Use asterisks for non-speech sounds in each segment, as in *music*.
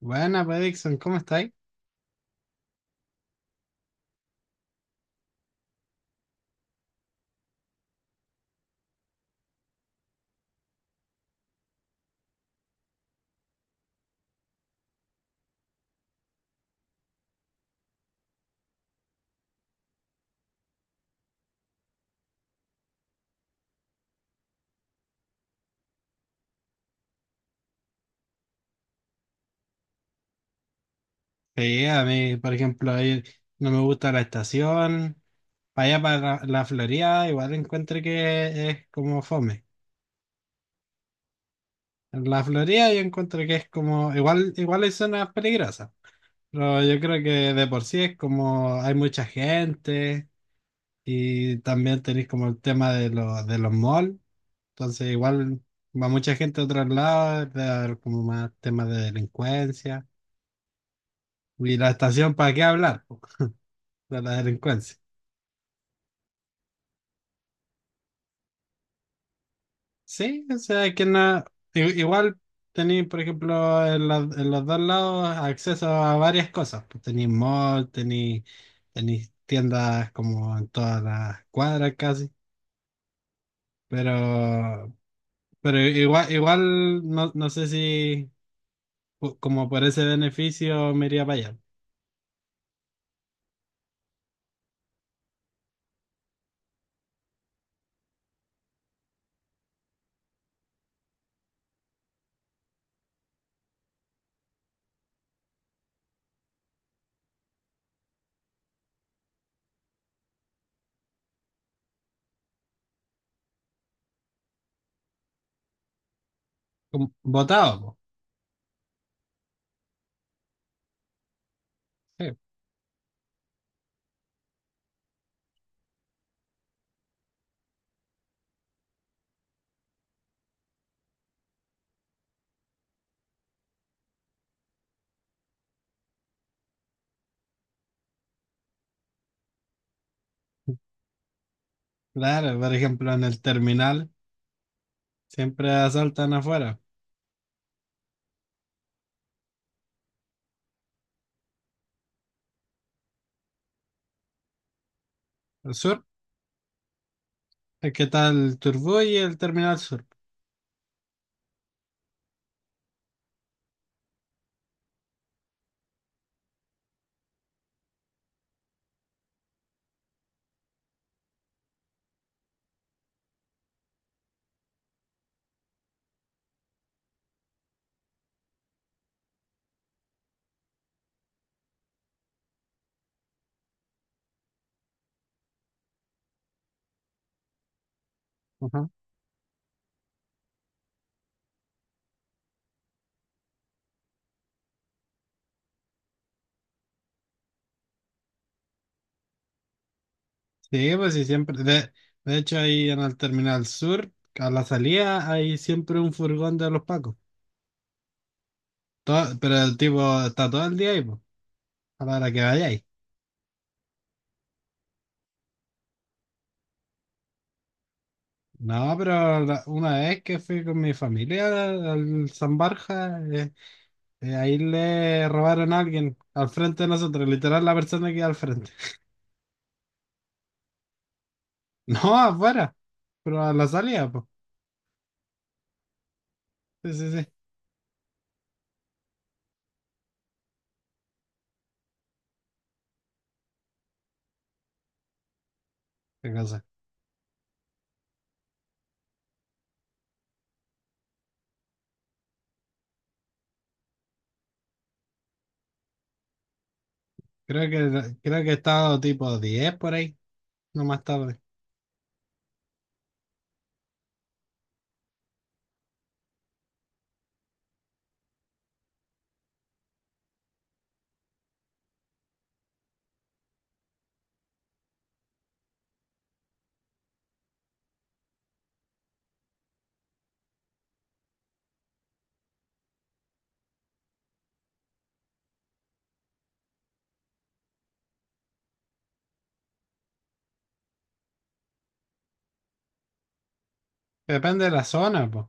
Buena, pues, Dixon, ¿cómo estáis? Sí, a mí, por ejemplo, ahí no me gusta la estación. Para allá, para la Florida, igual encuentro que es como fome. En la Florida yo encuentro que es como, igual, hay zonas peligrosas, pero yo creo que de por sí es como hay mucha gente y también tenéis como el tema de, los malls, entonces igual va mucha gente a otros lados, debe haber como más temas de delincuencia. Y la estación, ¿para qué hablar? Po, de la delincuencia. Sí, o sea, igual tenéis, por ejemplo, en los dos lados acceso a varias cosas. Pues tenéis mall, tenéis tiendas como en todas las cuadras casi, pero, pero igual, no, no sé si como por ese beneficio me iría para allá. Como- botado, po. Sí. Claro, por ejemplo, en el terminal siempre asaltan afuera. El sur, el que está el Turbú y el terminal sur. Sí, pues sí, siempre. De hecho, ahí en el Terminal Sur, a la salida, hay siempre un furgón de los Pacos. Pero el tipo está todo el día ahí, pues, a la hora que vayáis. No, pero una vez que fui con mi familia al San Borja, ahí le robaron a alguien al frente de nosotros, literal la persona que iba al frente. *laughs* No, afuera, pero a la salida, pues. Sí, sí, sí. Qué cosa. Creo que he estado tipo 10 por ahí, no más tarde. Depende de la zona, pues.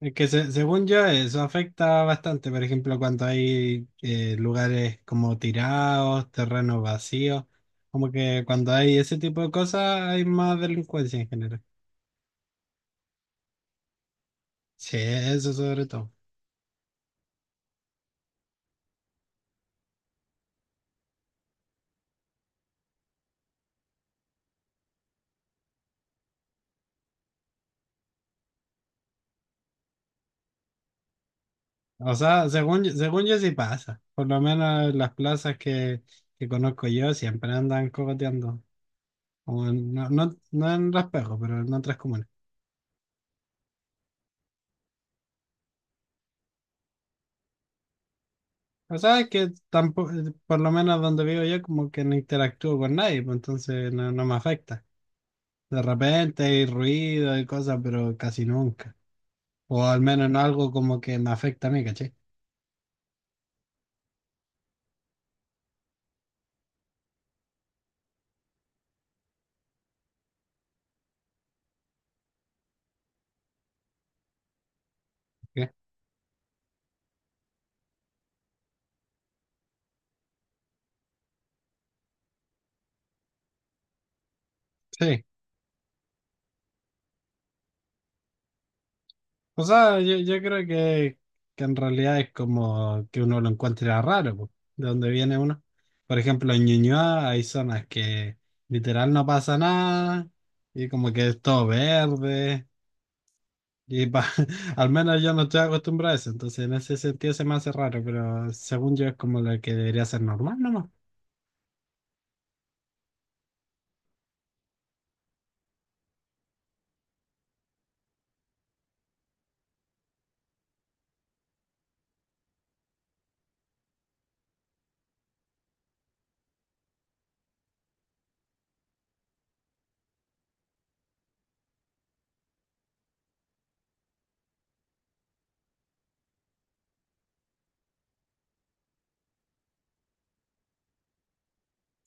Es que según yo eso afecta bastante, por ejemplo, cuando hay lugares como tirados, terrenos vacíos, como que cuando hay ese tipo de cosas hay más delincuencia en general. Sí, eso sobre todo. O sea, según, según yo sí pasa, por lo menos en las plazas que conozco yo siempre andan cogoteando, o no, no, no en Raspejo, pero en otras comunas. O sea, es que tampoco, por lo menos donde vivo yo como que no interactúo con nadie, pues entonces no me afecta. De repente hay ruido y cosas, pero casi nunca. O al menos en algo como que me afecta a mí, ¿caché? ¿Qué? Sí. O sea, yo creo que en realidad es como que uno lo encuentra raro, po, de dónde viene uno. Por ejemplo, en Ñuñoa hay zonas que literal no pasa nada y como que es todo verde. Y *laughs* al menos yo no estoy acostumbrado a eso, entonces en ese sentido se me hace raro, pero según yo es como lo que debería ser normal nomás.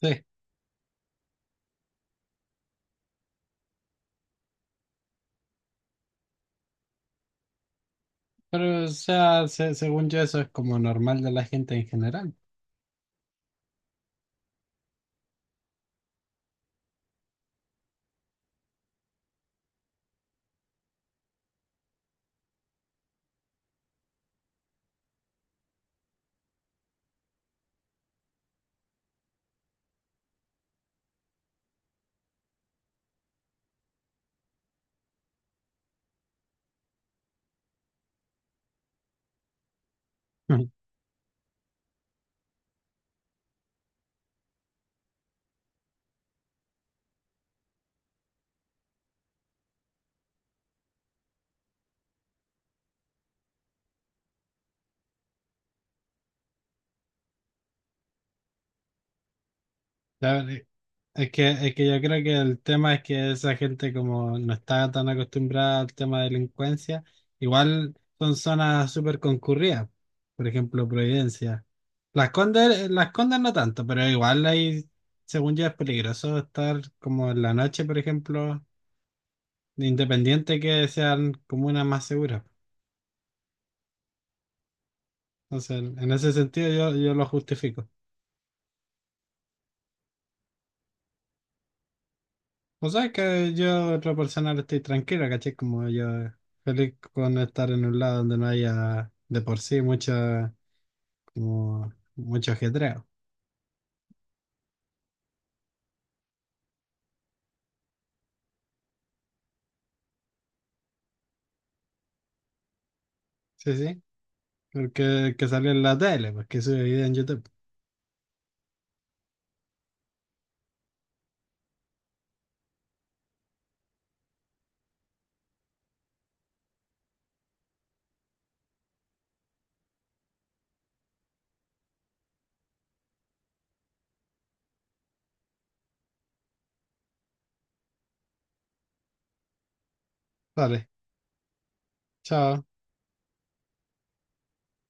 Sí. Pero, o sea, según yo, eso es como normal de la gente en general. *laughs* La ver- es que yo creo que el tema es que esa gente como no está tan acostumbrada al tema de delincuencia, igual son zonas súper concurridas, por ejemplo, Providencia. Las Condes, Las Condes no tanto, pero igual ahí, según yo, es peligroso estar como en la noche, por ejemplo, independiente que sean comunas más seguras. Entonces, en ese sentido yo, yo lo justifico. O sea, es que yo, otra persona, ahora estoy tranquila, ¿cachai? Como yo, feliz con estar en un lado donde no haya de por sí mucho, como, mucho ajetreo. Sí, sí. Porque que salió en la tele, pues que sube video en YouTube. Vale, chao.